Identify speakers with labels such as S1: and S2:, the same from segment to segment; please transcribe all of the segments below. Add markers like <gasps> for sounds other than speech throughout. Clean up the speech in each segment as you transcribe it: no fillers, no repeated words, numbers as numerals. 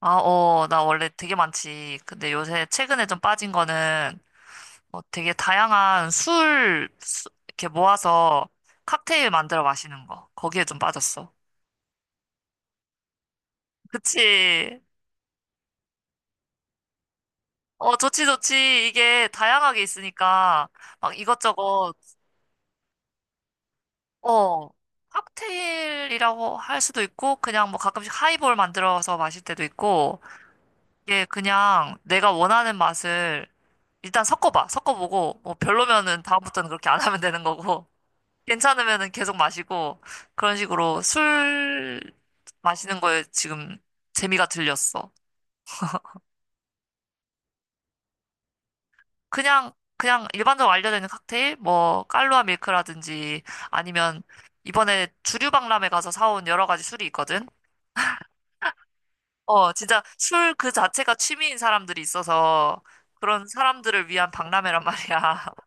S1: 아, 어, 나 원래 되게 많지. 근데 요새 최근에 좀 빠진 거는 뭐 되게 다양한 이렇게 모아서 칵테일 만들어 마시는 거. 거기에 좀 빠졌어. 그치. 어, 좋지, 좋지. 이게 다양하게 있으니까 막 이것저것, 어, 칵테일이라고 할 수도 있고, 그냥 뭐 가끔씩 하이볼 만들어서 마실 때도 있고, 이게 그냥 내가 원하는 맛을 일단 섞어봐. 섞어보고, 뭐 별로면은 다음부터는 그렇게 안 하면 되는 거고. 괜찮으면은 계속 마시고 그런 식으로 술 마시는 거에 지금 재미가 들렸어. 그냥 일반적으로 알려져 있는 칵테일 뭐 깔루아 밀크라든지 아니면 이번에 주류박람회 가서 사온 여러 가지 술이 있거든. 어, 진짜 술 그 자체가 취미인 사람들이 있어서 그런 사람들을 위한 박람회란 말이야. <laughs>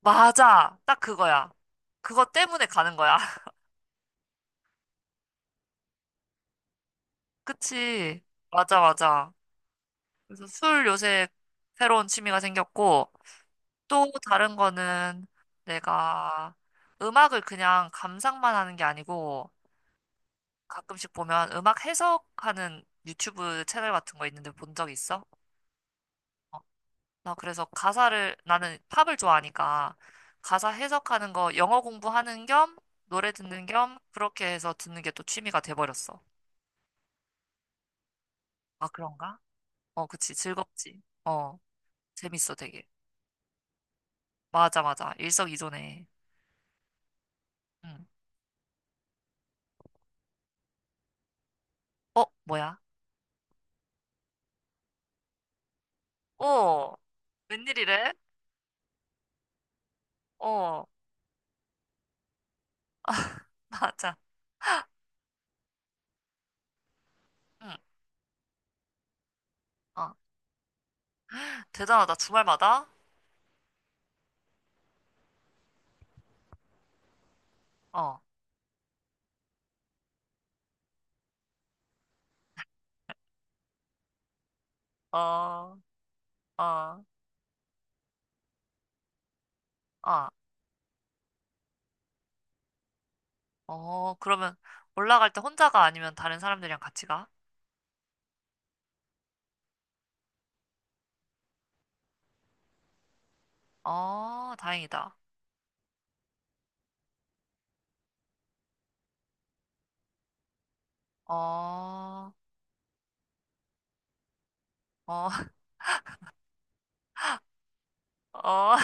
S1: 맞아. 딱 그거야. 그거 때문에 가는 거야. <laughs> 그치. 맞아, 맞아. 그래서 술 요새 새로운 취미가 생겼고, 또 다른 거는 내가 음악을 그냥 감상만 하는 게 아니고, 가끔씩 보면 음악 해석하는 유튜브 채널 같은 거 있는데 본 적 있어? 나 그래서 가사를, 나는 팝을 좋아하니까, 가사 해석하는 거 영어 공부하는 겸, 노래 듣는 겸, 그렇게 해서 듣는 게 또 취미가 돼버렸어. 아, 그런가? 어, 그치. 즐겁지. 어, 재밌어, 되게. 맞아, 맞아. 일석이조네. 응. 어, 뭐야? 어, 웬일이래? 어, <laughs> 맞아. 응, 어, 대단하다. 주말마다? 어, 어, 어, 어, 어, 그러면 올라갈 때 혼자가 아니면 다른 사람들이랑 같이 가? 어, 다행이다. 어, 어, <laughs> 어,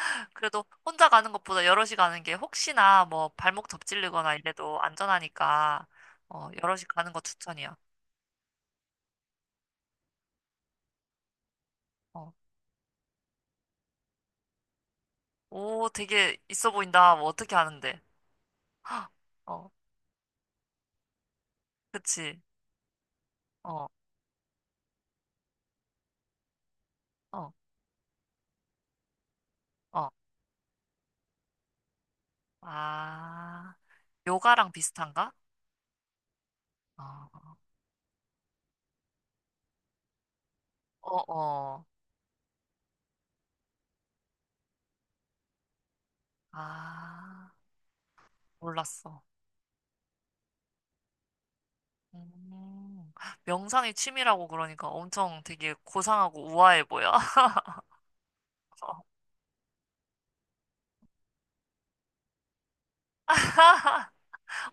S1: <laughs> 그래도 혼자 가는 것보다 여럿이 가는 게 혹시나 뭐 발목 접질리거나 이래도 안전하니까, 어, 여럿이 가는 거 추천이야. 어, 오, 되게 있어 보인다. 뭐 어떻게 하는데? 어, 그치. 어, 어. 어. 아, 요가랑 비슷한가? 어, 어, 어. 아, 몰랐어. 음, 명상이 취미라고 그러니까 엄청 되게 고상하고 우아해 보여. <laughs>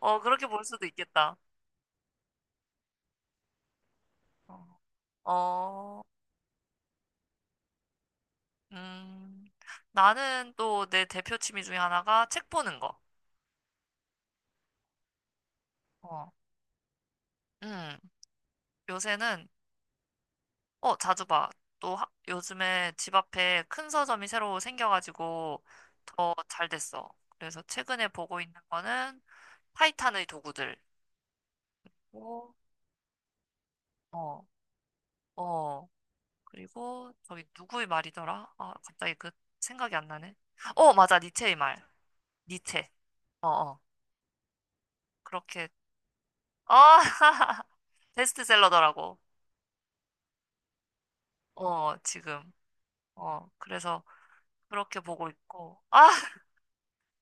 S1: 어, 그렇게 볼 수도 있겠다. 어, 어, 음, 나는 또 내 대표 취미 중에 하나가 책 보는 거. 어, 음, 요새는 어, 자주 봐. 또 요즘에 집 앞에 큰 서점이 새로 생겨가지고 더 잘 됐어. 그래서 최근에 보고 있는 거는 파이탄의 도구들. 오. 어, 어. 그리고 저기 누구의 말이더라? 아, 갑자기 그 생각이 안 나네. 어, 맞아. 니체의 말. 니체. 어, 어. 그렇게. 아, <laughs> 베스트셀러더라고. 어, 지금. 어, 그래서 그렇게 보고 있고. 아,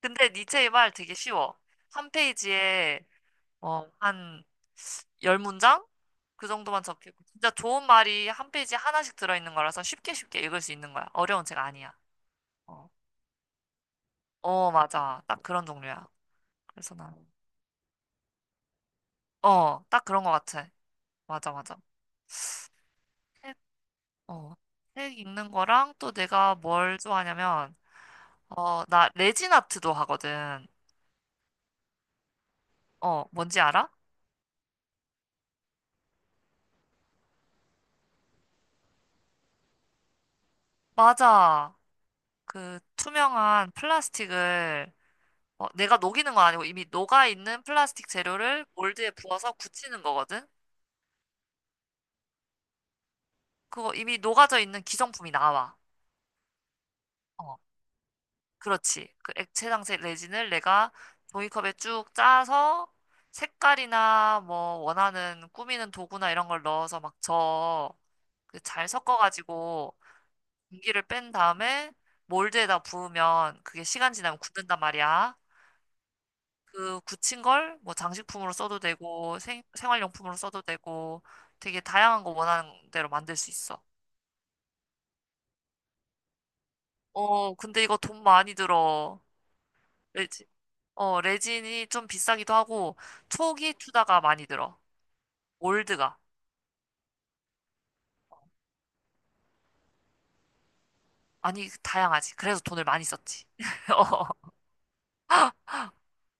S1: 근데 니체의 말 되게 쉬워. 한 페이지에 어, 한 10문장? 그 정도만 적히고 진짜 좋은 말이 한 페이지 하나씩 들어있는 거라서 쉽게 쉽게 읽을 수 있는 거야. 어려운 책 아니야. 어, 어 맞아. 딱 그런 종류야. 그래서 난, 어, 딱 그런 거 같아. 맞아, 맞아. 책, 어, 책 읽는 거랑 또 내가 뭘 좋아하냐면, 어, 나 레진 아트도 하거든. 어, 뭔지 알아? 맞아. 그 투명한 플라스틱을 어, 내가 녹이는 건 아니고 이미 녹아 있는 플라스틱 재료를 몰드에 부어서 굳히는 거거든? 그거 이미 녹아져 있는 기성품이 나와. 어, 그렇지. 그 액체 장색 레진을 내가 종이컵에 쭉 짜서 색깔이나 뭐 원하는 꾸미는 도구나 이런 걸 넣어서 막 저, 그 잘 섞어가지고 공기를 뺀 다음에 몰드에다 부으면 그게 시간 지나면 굳는단 말이야. 그 굳힌 걸 뭐 장식품으로 써도 되고 생, 생활용품으로 써도 되고 되게 다양한 거 원하는 대로 만들 수 있어. 어, 근데 이거 돈 많이 들어. 레진. 어, 레진이 좀 비싸기도 하고 초기 투자가 많이 들어. 몰드가. 아니, 다양하지. 그래서 돈을 많이 썼지. <laughs> 어,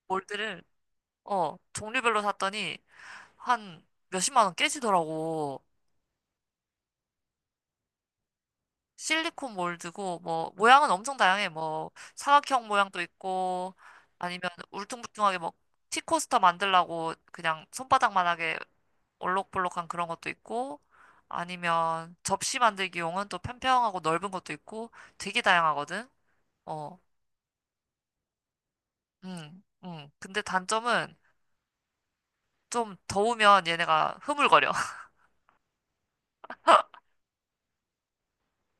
S1: 몰드를 어, 종류별로 샀더니 한 몇십만 원 깨지더라고. 실리콘 몰드고 뭐 모양은 엄청 다양해. 뭐 사각형 모양도 있고 아니면 울퉁불퉁하게 뭐 티코스터 만들라고 그냥 손바닥만하게 올록볼록한 그런 것도 있고 아니면 접시 만들기용은 또 평평하고 넓은 것도 있고 되게 다양하거든. 어, 근데 단점은 좀 더우면 얘네가 흐물거려.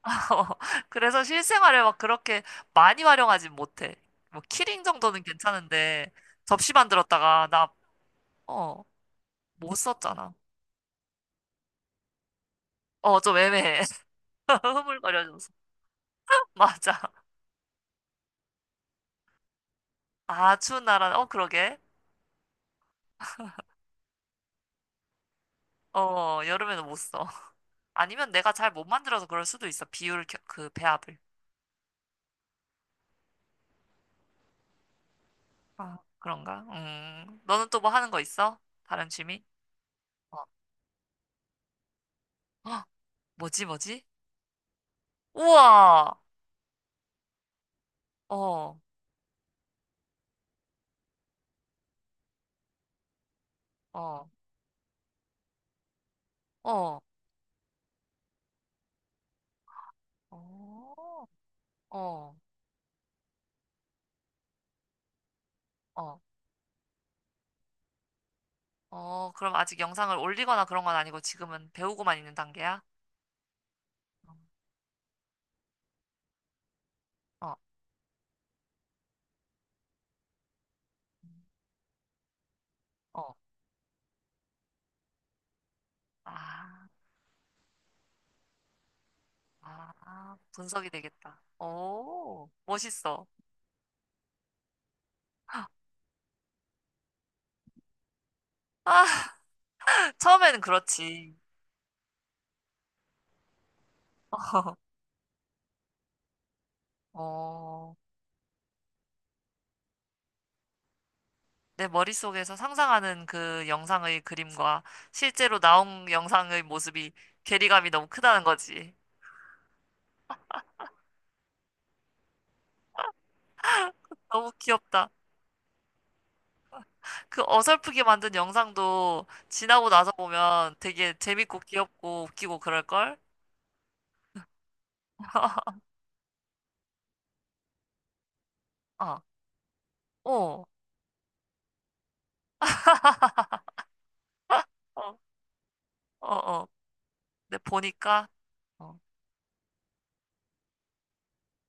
S1: <laughs> 그래서 실생활에 막 그렇게 많이 활용하진 못해. 뭐 키링 정도는 괜찮은데 접시 만들었다가 나 어, 못 썼잖아. 어, 좀 애매해. <laughs> 흐물거려져서. <laughs> 맞아. 아주 나란, 어, 그러게. 어, 여름에는 못 써. <laughs> 아니면 내가 잘 못 만들어서 그럴 수도 있어. 비율, 그 배합을. 아, 그런가? 음. 너는 또 뭐 하는 거 있어? 다른 취미? 어, <gasps> 헉, 뭐지, 뭐지? 우와! 어, 어, 어, 어, 어, 어, 어. 그럼 아직 영상을 올리거나 그런 건 아니고 지금은 배우고만 있는 단계야? 어, 어. 어. 아. 아, 분석이 되겠다. 오, 멋있어. 아, <laughs> 처음에는 그렇지. 어, 내 머릿속에서 상상하는 그 영상의 그림과 실제로 나온 영상의 모습이 괴리감이 너무 크다는 거지. 너무 귀엽다. 그 어설프게 만든 영상도 지나고 나서 보면 되게 재밌고 귀엽고 웃기고 그럴걸? <laughs> 어, 어, <laughs> 어, 어, 어. 근데 보니까, 어,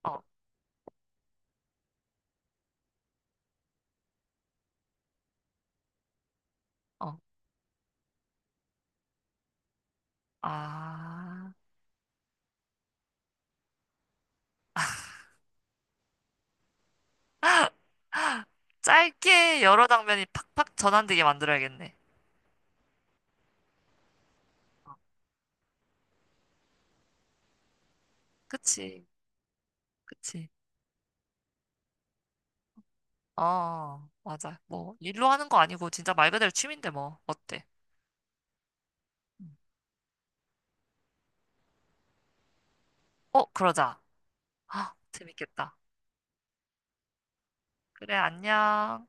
S1: 어, 어. 아. 짧게 여러 장면이 팍팍 전환되게 만들어야겠네. 그치, 그치. 어, 어, 맞아. 뭐, 일로 하는 거 아니고, 진짜 말 그대로 취미인데, 뭐. 어때? 음. 어, 그러자. 아, 재밌겠다. 그래, 안녕.